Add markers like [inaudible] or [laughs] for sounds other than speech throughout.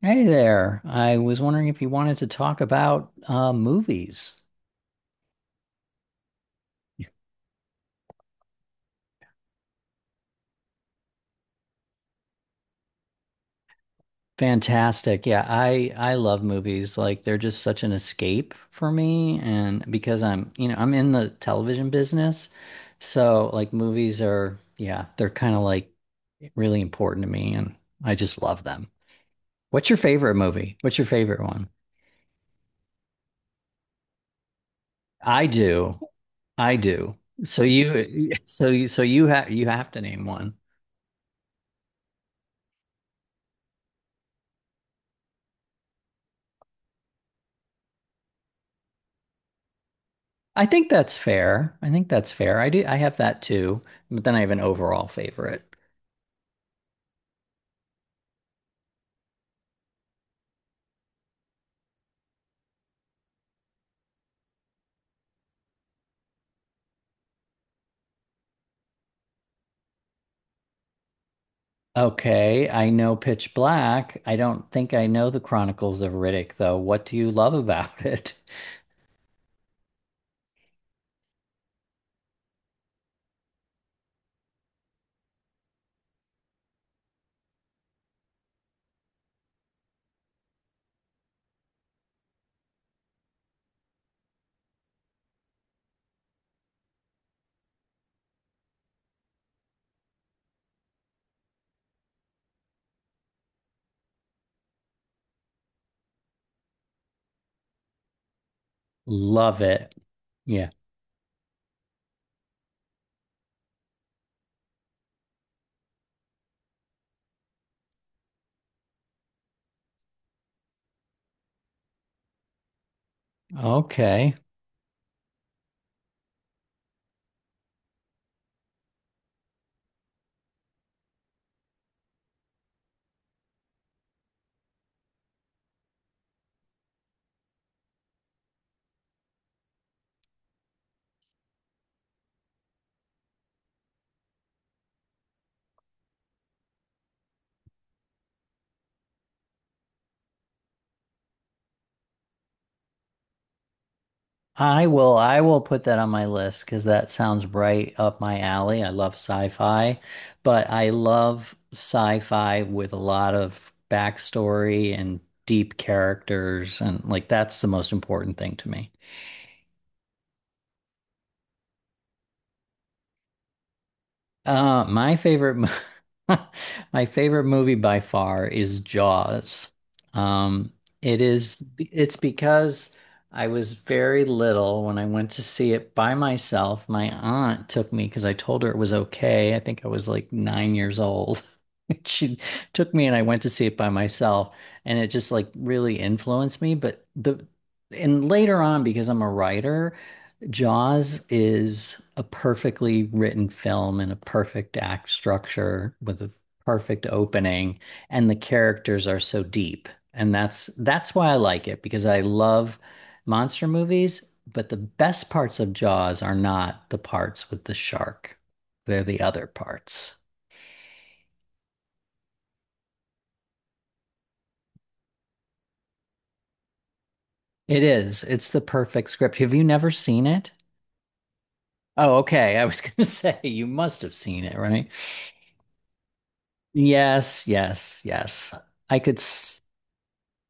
Hey there. I was wondering if you wanted to talk about movies. Fantastic. Yeah, I love movies. Like they're just such an escape for me and because I'm, you know, I'm in the television business. So like movies are, yeah, they're kind of like really important to me and I just love them. What's your favorite movie? What's your favorite one? I do. I do. So you have you have to name one. I think that's fair. I think that's fair. I do. I have that too, but then I have an overall favorite. Okay, I know Pitch Black. I don't think I know the Chronicles of Riddick though. What do you love about it? [laughs] Love it. Yeah. Okay. I will put that on my list because that sounds right up my alley. I love sci-fi, but I love sci-fi with a lot of backstory and deep characters and like that's the most important thing to me. My favorite, [laughs] my favorite movie by far is Jaws. Um, it is, it's because I was very little when I went to see it by myself. My aunt took me because I told her it was okay. I think I was like 9 years old. [laughs] She took me and I went to see it by myself, and it just like really influenced me. And later on, because I'm a writer. Jaws is a perfectly written film and a perfect act structure with a perfect opening, and the characters are so deep. And that's why I like it because I love monster movies, but the best parts of Jaws are not the parts with the shark. They're the other parts. It is. It's the perfect script. Have you never seen it? Oh, okay. I was going to [laughs] say you must have seen it, right? Yes, yes, yes. I could.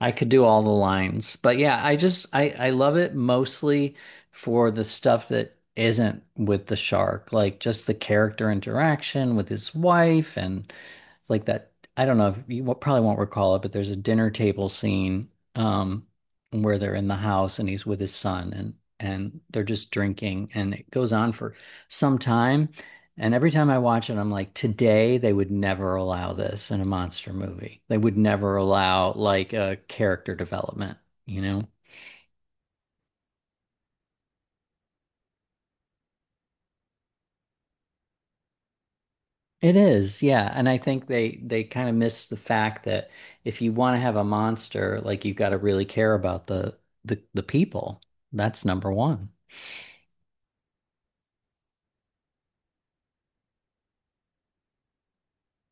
I could do all the lines. But yeah, I just I love it mostly for the stuff that isn't with the shark, like just the character interaction with his wife and like that. I don't know if you probably won't recall it, but there's a dinner table scene where they're in the house and he's with his son and they're just drinking and it goes on for some time. And every time I watch it, I'm like, today they would never allow this in a monster movie. They would never allow like a character development, you know? It is, yeah. And I think they kind of miss the fact that if you want to have a monster, like you've got to really care about the people. That's number one.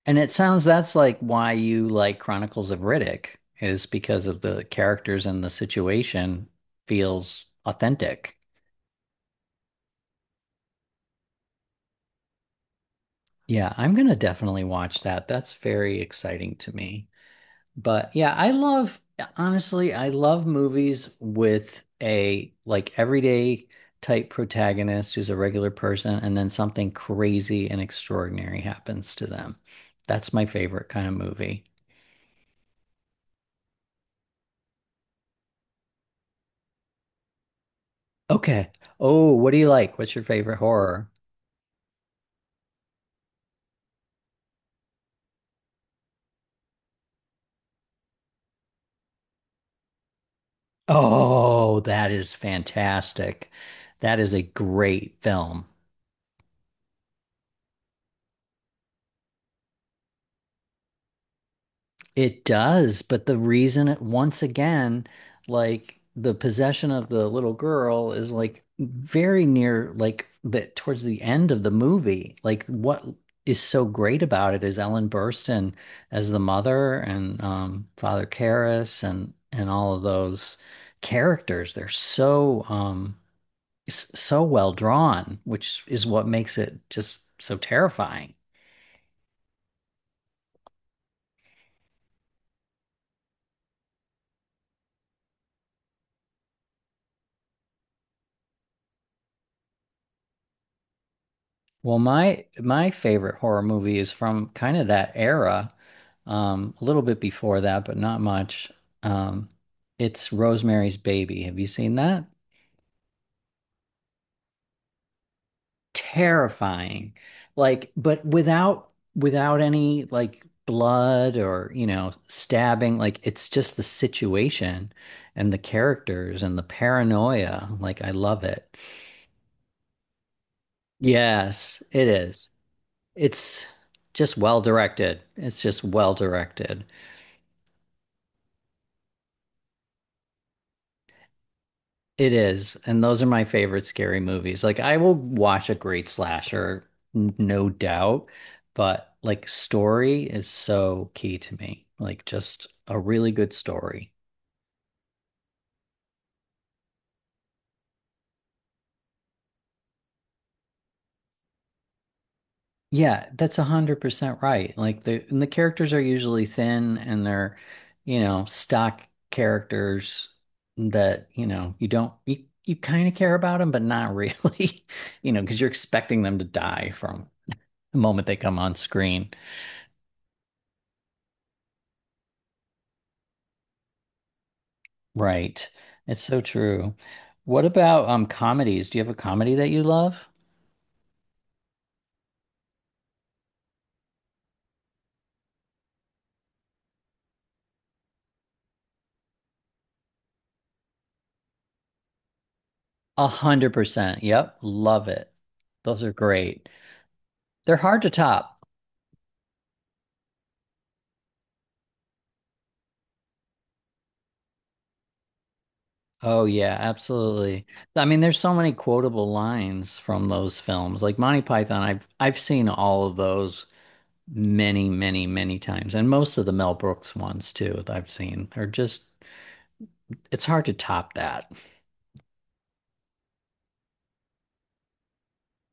And it sounds that's like why you like Chronicles of Riddick is because of the characters and the situation feels authentic. Yeah, I'm gonna definitely watch that. That's very exciting to me. But yeah, I love, honestly, I love movies with a like everyday type protagonist who's a regular person and then something crazy and extraordinary happens to them. That's my favorite kind of movie. Okay. Oh, what do you like? What's your favorite horror? Oh, that is fantastic. That is a great film. It does, but the reason it once again, like the possession of the little girl is like very near like the towards the end of the movie. Like what is so great about it is Ellen Burstyn as the mother and Father Karras and all of those characters. They're so so well drawn, which is what makes it just so terrifying. Well, my favorite horror movie is from kind of that era, a little bit before that, but not much. Um, it's Rosemary's Baby. Have you seen that? Terrifying. Like, but without any like blood or, you know, stabbing. Like it's just the situation and the characters and the paranoia. Like I love it. Yes, it is. It's just well directed. It's just well directed. It is, and those are my favorite scary movies. Like I will watch a great slasher, no doubt, but like story is so key to me. Like just a really good story. Yeah, that's 100% right. Like the and the characters are usually thin and they're, you know, stock characters that, you know, you don't you, you kind of care about them, but not really, [laughs] you know, because you're expecting them to die from the moment they come on screen. Right. It's so true. What about comedies? Do you have a comedy that you love? 100%. Yep. Love it. Those are great. They're hard to top. Oh yeah, absolutely. I mean, there's so many quotable lines from those films. Like Monty Python, I've seen all of those many, many, many times. And most of the Mel Brooks ones too, that I've seen are just it's hard to top that.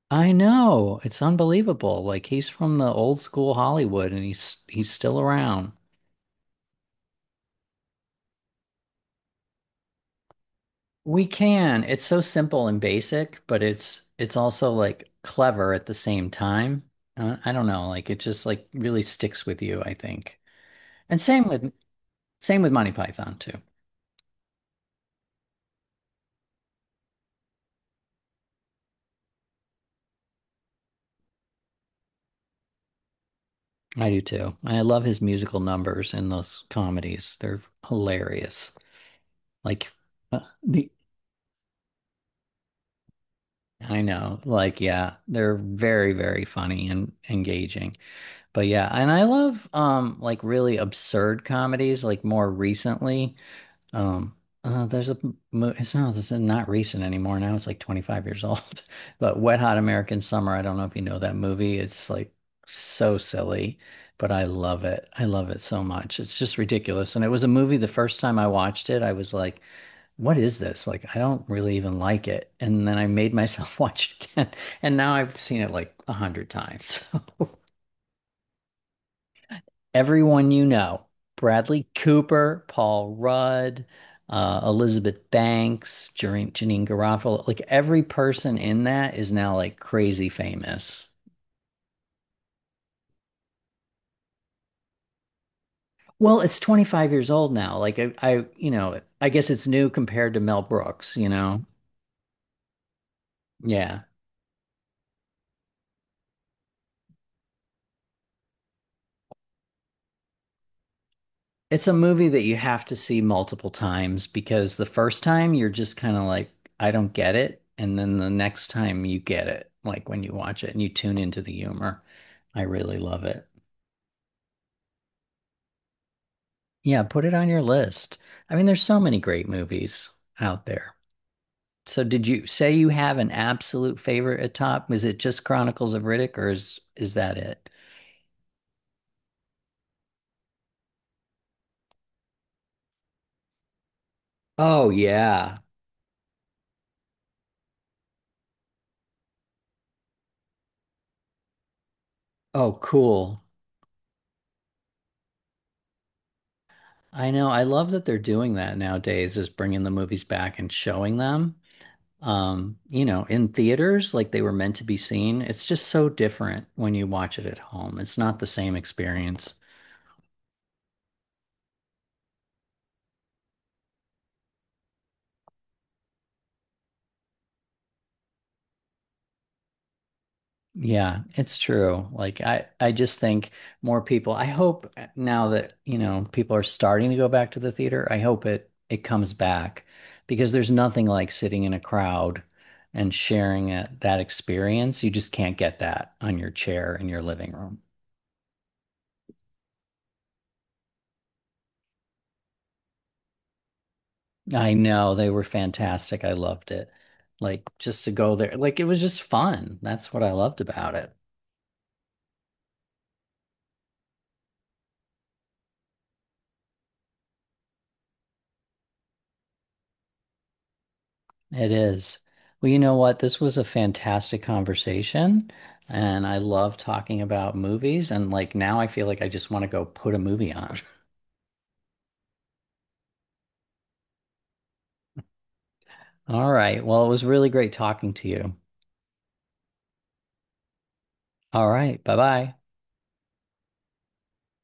I know. It's unbelievable. Like he's from the old school Hollywood and he's still around. We can. It's so simple and basic, but it's also like clever at the same time. I don't know, like it just like really sticks with you, I think. And same with Monty Python too. I do too. I love his musical numbers in those comedies. They're hilarious. Like the I know. Like yeah, they're very, very funny and engaging. But yeah, and I love like really absurd comedies like more recently. Um there's a mo- it's not this is not recent anymore. Now it's like 25 years old. [laughs] But Wet Hot American Summer, I don't know if you know that movie. It's like so silly, but I love it. I love it so much. It's just ridiculous. And it was a movie the first time I watched it, I was like what is this? Like, I don't really even like it. And then I made myself [laughs] watch it again. And now I've seen it like a hundred times. [laughs] So everyone you know, Bradley Cooper, Paul Rudd, Elizabeth Banks, Janine Garofalo, like every person in that is now like crazy famous. Well, it's 25 years old now. Like you know, I guess it's new compared to Mel Brooks, you know? Yeah. It's a movie that you have to see multiple times because the first time you're just kind of like, I don't get it. And then the next time you get it, like when you watch it and you tune into the humor. I really love it. Yeah, put it on your list. I mean, there's so many great movies out there. So did you say you have an absolute favorite at top? Was it just Chronicles of Riddick or is that it? Oh yeah. Oh, cool. I know. I love that they're doing that nowadays, is bringing the movies back and showing them, you know, in theaters like they were meant to be seen. It's just so different when you watch it at home. It's not the same experience. Yeah, it's true. Like I just think more people I hope now that, you know, people are starting to go back to the theater, I hope it comes back because there's nothing like sitting in a crowd and sharing it, that experience. You just can't get that on your chair in your living room. I know they were fantastic. I loved it. Like just to go there, like it was just fun. That's what I loved about it. It is. Well, you know what? This was a fantastic conversation, and I love talking about movies. And like now, I feel like I just want to go put a movie on. [laughs] All right. Well, it was really great talking to you. All right. Bye bye.